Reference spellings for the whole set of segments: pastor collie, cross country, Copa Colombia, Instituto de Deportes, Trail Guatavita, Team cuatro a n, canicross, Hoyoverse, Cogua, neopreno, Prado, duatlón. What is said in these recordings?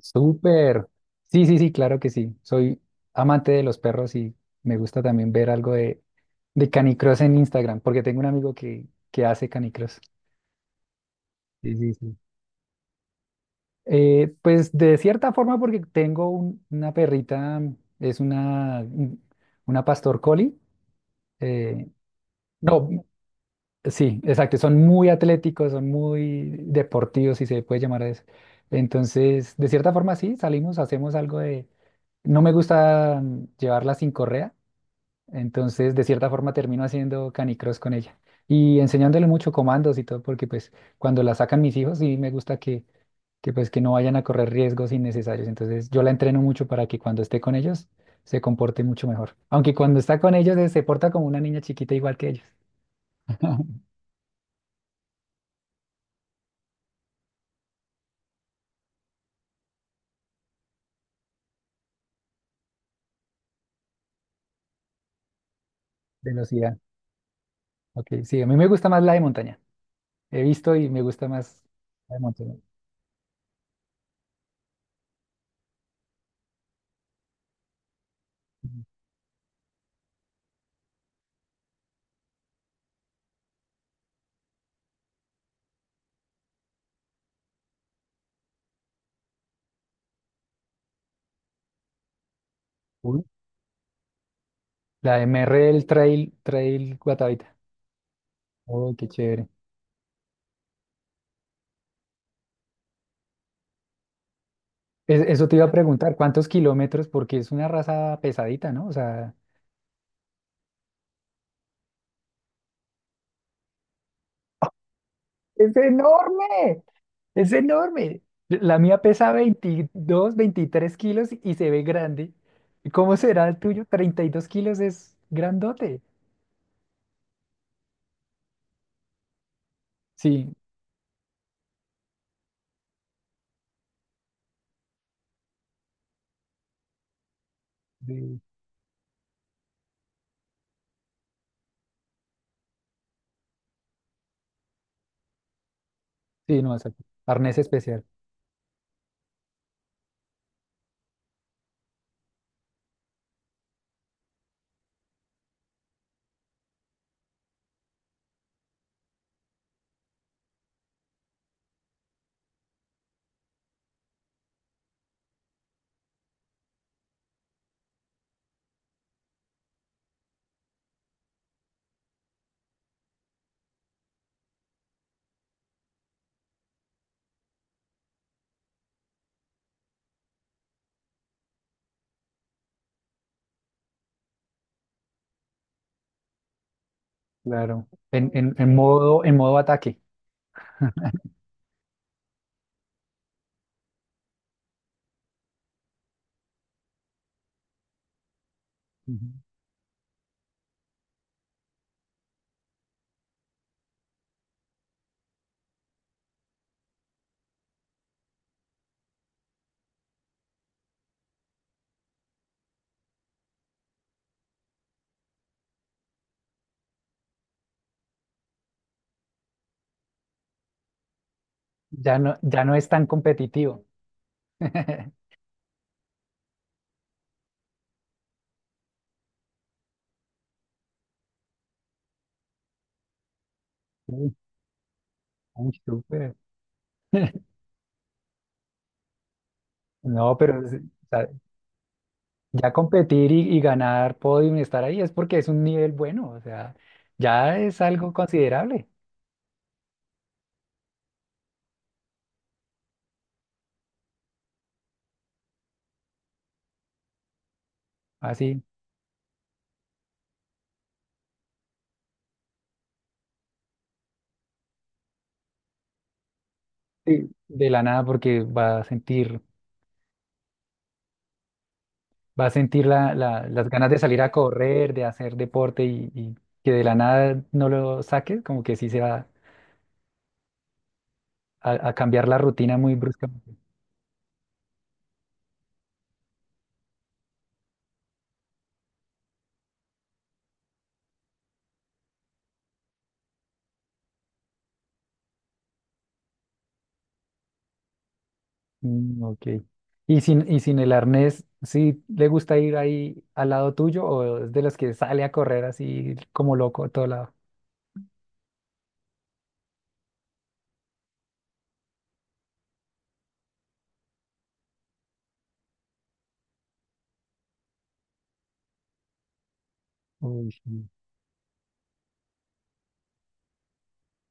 Súper. Sí, sí, sí, claro que sí. Soy amante de los perros y me gusta también ver algo de canicross en Instagram, porque tengo un amigo que hace canicross. Sí, sí, sí. Pues de cierta forma, porque tengo una perrita, es una pastor collie. eh, no, sí, exacto. Son muy atléticos, son muy deportivos, si se puede llamar eso. Entonces, de cierta forma, sí, salimos, hacemos algo de. No me gusta llevarla sin correa, entonces de cierta forma termino haciendo canicross con ella y enseñándole mucho comandos y todo, porque pues cuando la sacan mis hijos sí me gusta que pues que no vayan a correr riesgos innecesarios, entonces yo la entreno mucho para que cuando esté con ellos se comporte mucho mejor, aunque cuando está con ellos se porta como una niña chiquita igual que ellos. Velocidad, ok, sí, a mí me gusta más la de montaña, he visto y me gusta más la de montaña. Uy. La de MR, el Trail Guatavita. Oh, qué chévere. Eso te iba a preguntar, ¿cuántos kilómetros? Porque es una raza pesadita, ¿no? O sea, es enorme, es enorme. La mía pesa 22, 23 kilos y se ve grande. ¿Y cómo será el tuyo? 32 kilos es grandote. Sí, sí, sí, no, exacto. Arnés especial, claro. En modo ataque. Ujú. Ya no, ya no es tan competitivo. Uy, uy, súper. No, pero o sea, ya competir y ganar podium y estar ahí es porque es un nivel bueno, o sea, ya es algo considerable, así. Sí. De la nada porque va a sentir las ganas de salir a correr, de hacer deporte y que de la nada no lo saques, como que sí se va a cambiar la rutina muy bruscamente. Mm, ok. Y sin el arnés, ¿sí le gusta ir ahí al lado tuyo o es de los que sale a correr así como loco a todo lado? Uy, sí.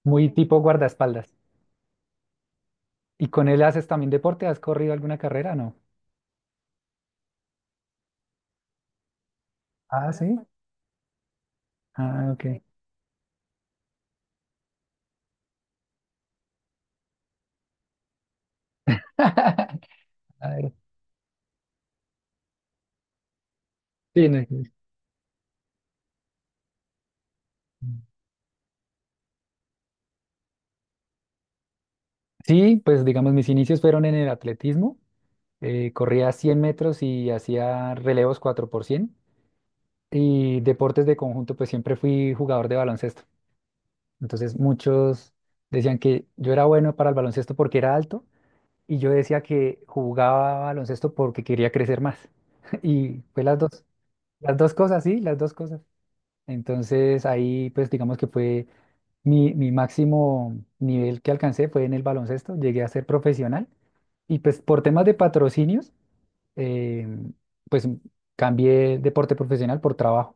Muy tipo guardaespaldas. ¿Y con él haces también deporte? ¿Has corrido alguna carrera? No. Ah, sí. Ah, ok. Ay, sí, no, sí, sí, pues digamos, mis inicios fueron en el atletismo. Corría 100 metros y hacía relevos 4x100. Y deportes de conjunto, pues siempre fui jugador de baloncesto. Entonces muchos decían que yo era bueno para el baloncesto porque era alto y yo decía que jugaba baloncesto porque quería crecer más. Y fue las dos. Las dos cosas, sí, las dos cosas. Entonces ahí pues digamos que fue mi máximo nivel que alcancé fue en el baloncesto, llegué a ser profesional y pues por temas de patrocinios, eh, pues cambié deporte profesional por trabajo,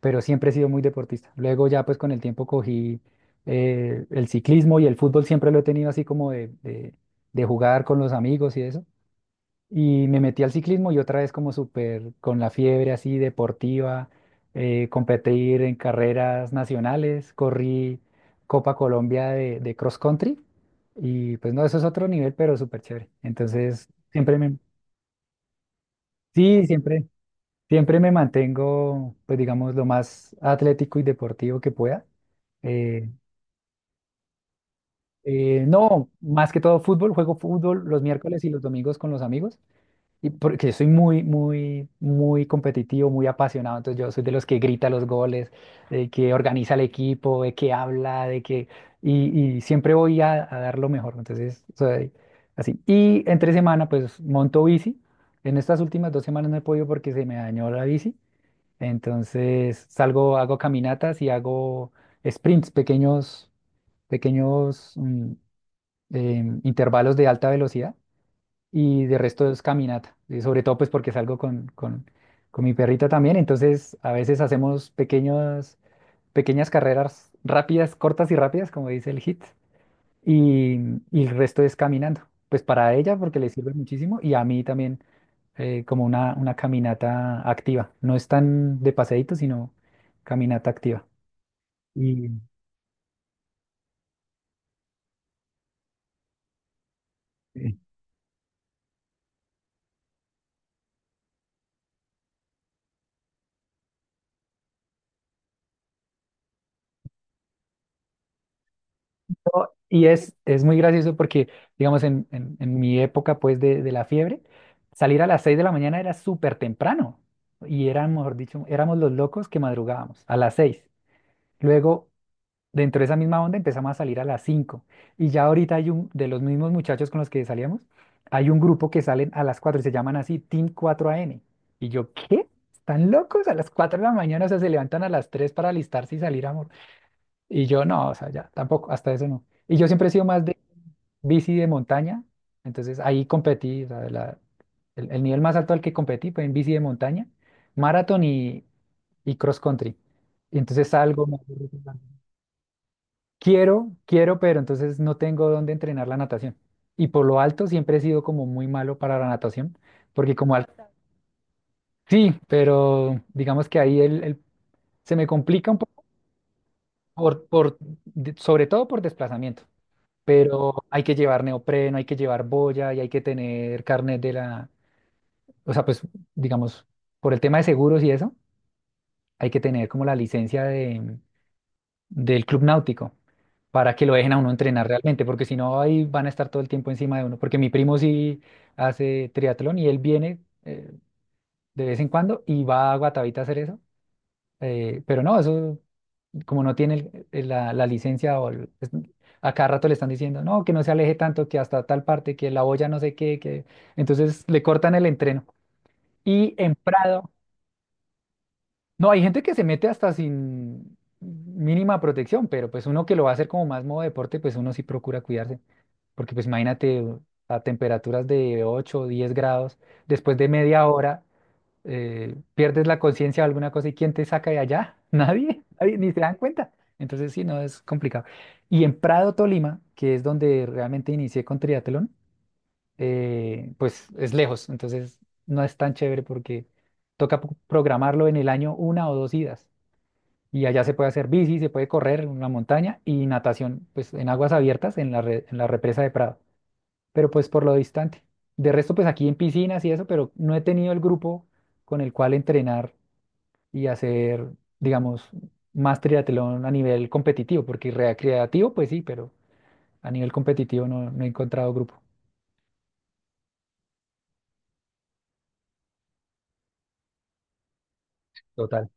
pero siempre he sido muy deportista. Luego ya pues con el tiempo cogí el ciclismo y el fútbol siempre lo he tenido así como de jugar con los amigos y eso. Y me metí al ciclismo y otra vez como súper con la fiebre así deportiva, competir en carreras nacionales, corrí Copa Colombia de cross country y pues no, eso es otro nivel, pero súper chévere. Entonces, sí, siempre me mantengo, pues digamos, lo más atlético y deportivo que pueda. Eh, no, más que todo fútbol, juego fútbol los miércoles y los domingos con los amigos. Y porque yo soy muy, muy, muy competitivo, muy apasionado. Entonces yo soy de los que grita los goles, de que organiza el equipo, de que habla, de que... Y siempre voy a dar lo mejor. Entonces soy así. Y entre semana, pues monto bici. En estas últimas 2 semanas no he podido porque se me dañó la bici. Entonces salgo, hago caminatas y hago sprints, pequeños, pequeños intervalos de alta velocidad y de resto es caminata, y sobre todo pues porque salgo con mi perrita también, entonces a veces hacemos pequeños, pequeñas carreras rápidas, cortas y rápidas, como dice el hit, y, y el resto es caminando, pues para ella porque le sirve muchísimo y a mí también, como una caminata activa, no es tan de paseíto, sino caminata activa. Y, no, y es muy gracioso porque, digamos, en mi época, pues, de la fiebre, salir a las 6 de la mañana era súper temprano. Y eran, mejor dicho, éramos los locos que madrugábamos a las 6. Luego, dentro de esa misma onda, empezamos a salir a las 5. Y ya ahorita hay de los mismos muchachos con los que salíamos, hay un grupo que salen a las 4 y se llaman así Team cuatro a n. Y yo, ¿qué? ¿Están locos? A las 4 de la mañana, o sea, se levantan a las 3 para alistarse y salir a... Y yo, no, o sea, ya, tampoco, hasta eso no. Y yo siempre he sido más bici de montaña, entonces ahí competí, o sea, el nivel más alto al que competí fue en bici de montaña, maratón y cross country. Y entonces quiero, quiero, pero entonces no tengo dónde entrenar la natación. Y por lo alto siempre he sido como muy malo para la natación, porque como al... Sí, pero digamos que ahí se me complica un poco, sobre todo por desplazamiento, pero hay que llevar neopreno, hay que llevar boya y hay que tener carnet o sea, pues digamos, por el tema de seguros y eso, hay que tener como la licencia del club náutico para que lo dejen a uno entrenar realmente, porque si no, ahí van a estar todo el tiempo encima de uno. Porque mi primo sí hace triatlón y él viene eh, de vez en cuando y va a Guatavita a hacer eso, pero no, eso como no tiene la licencia o a cada rato le están diciendo, no, que no se aleje tanto, que hasta tal parte, que la boya no sé qué, que entonces le cortan el entreno. Y en Prado. No, hay gente que se mete hasta sin mínima protección, pero pues uno que lo va a hacer como más modo deporte, pues uno sí procura cuidarse. Porque pues imagínate a temperaturas de 8, o 10 grados, después de media hora, pierdes la conciencia de alguna cosa y ¿quién te saca de allá? Nadie, nadie, ni se dan cuenta. Entonces sí, no, es complicado. Y en Prado, Tolima, que es donde realmente inicié con triatlón, pues es lejos, entonces no es tan chévere porque toca programarlo en el año una o dos idas. Y allá se puede hacer bici, se puede correr en la montaña y natación, pues en aguas abiertas, en la represa de Prado, pero pues por lo distante. De resto, pues aquí en piscinas y eso, pero no he tenido el grupo con el cual entrenar y hacer, digamos, más triatlón a nivel competitivo, porque recreativo, pues sí, pero a nivel competitivo no he encontrado grupo. Total.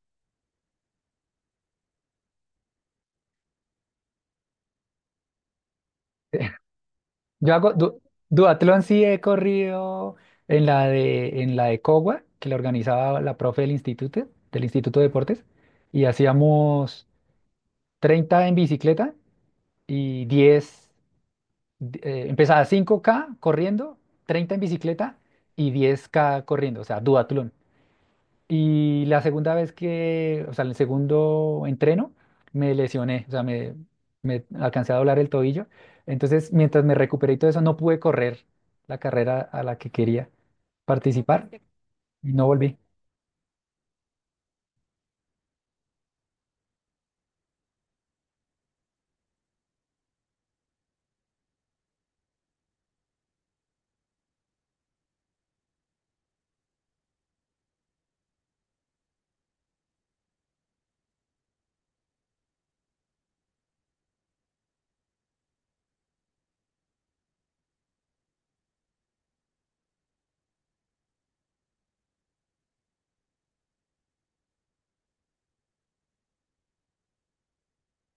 Yo hago duatlón, sí he corrido en la de Cogua, que la organizaba la profe del Instituto de Deportes, y hacíamos 30 en bicicleta y 10 empezaba 5K corriendo, 30 en bicicleta y 10K corriendo, o sea, duatlón. Y la segunda vez que, o sea, en el segundo entreno, me lesioné, o sea, me alcancé a doblar el tobillo. Entonces, mientras me recuperé y todo eso, no pude correr la carrera a la que quería no participar y no volví.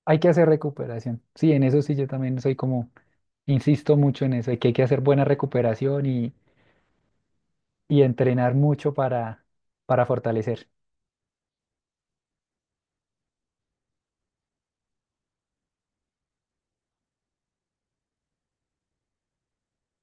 Hay que hacer recuperación. Sí, en eso sí, yo también soy como, insisto mucho en eso, de que hay que hacer buena recuperación y entrenar mucho para fortalecer.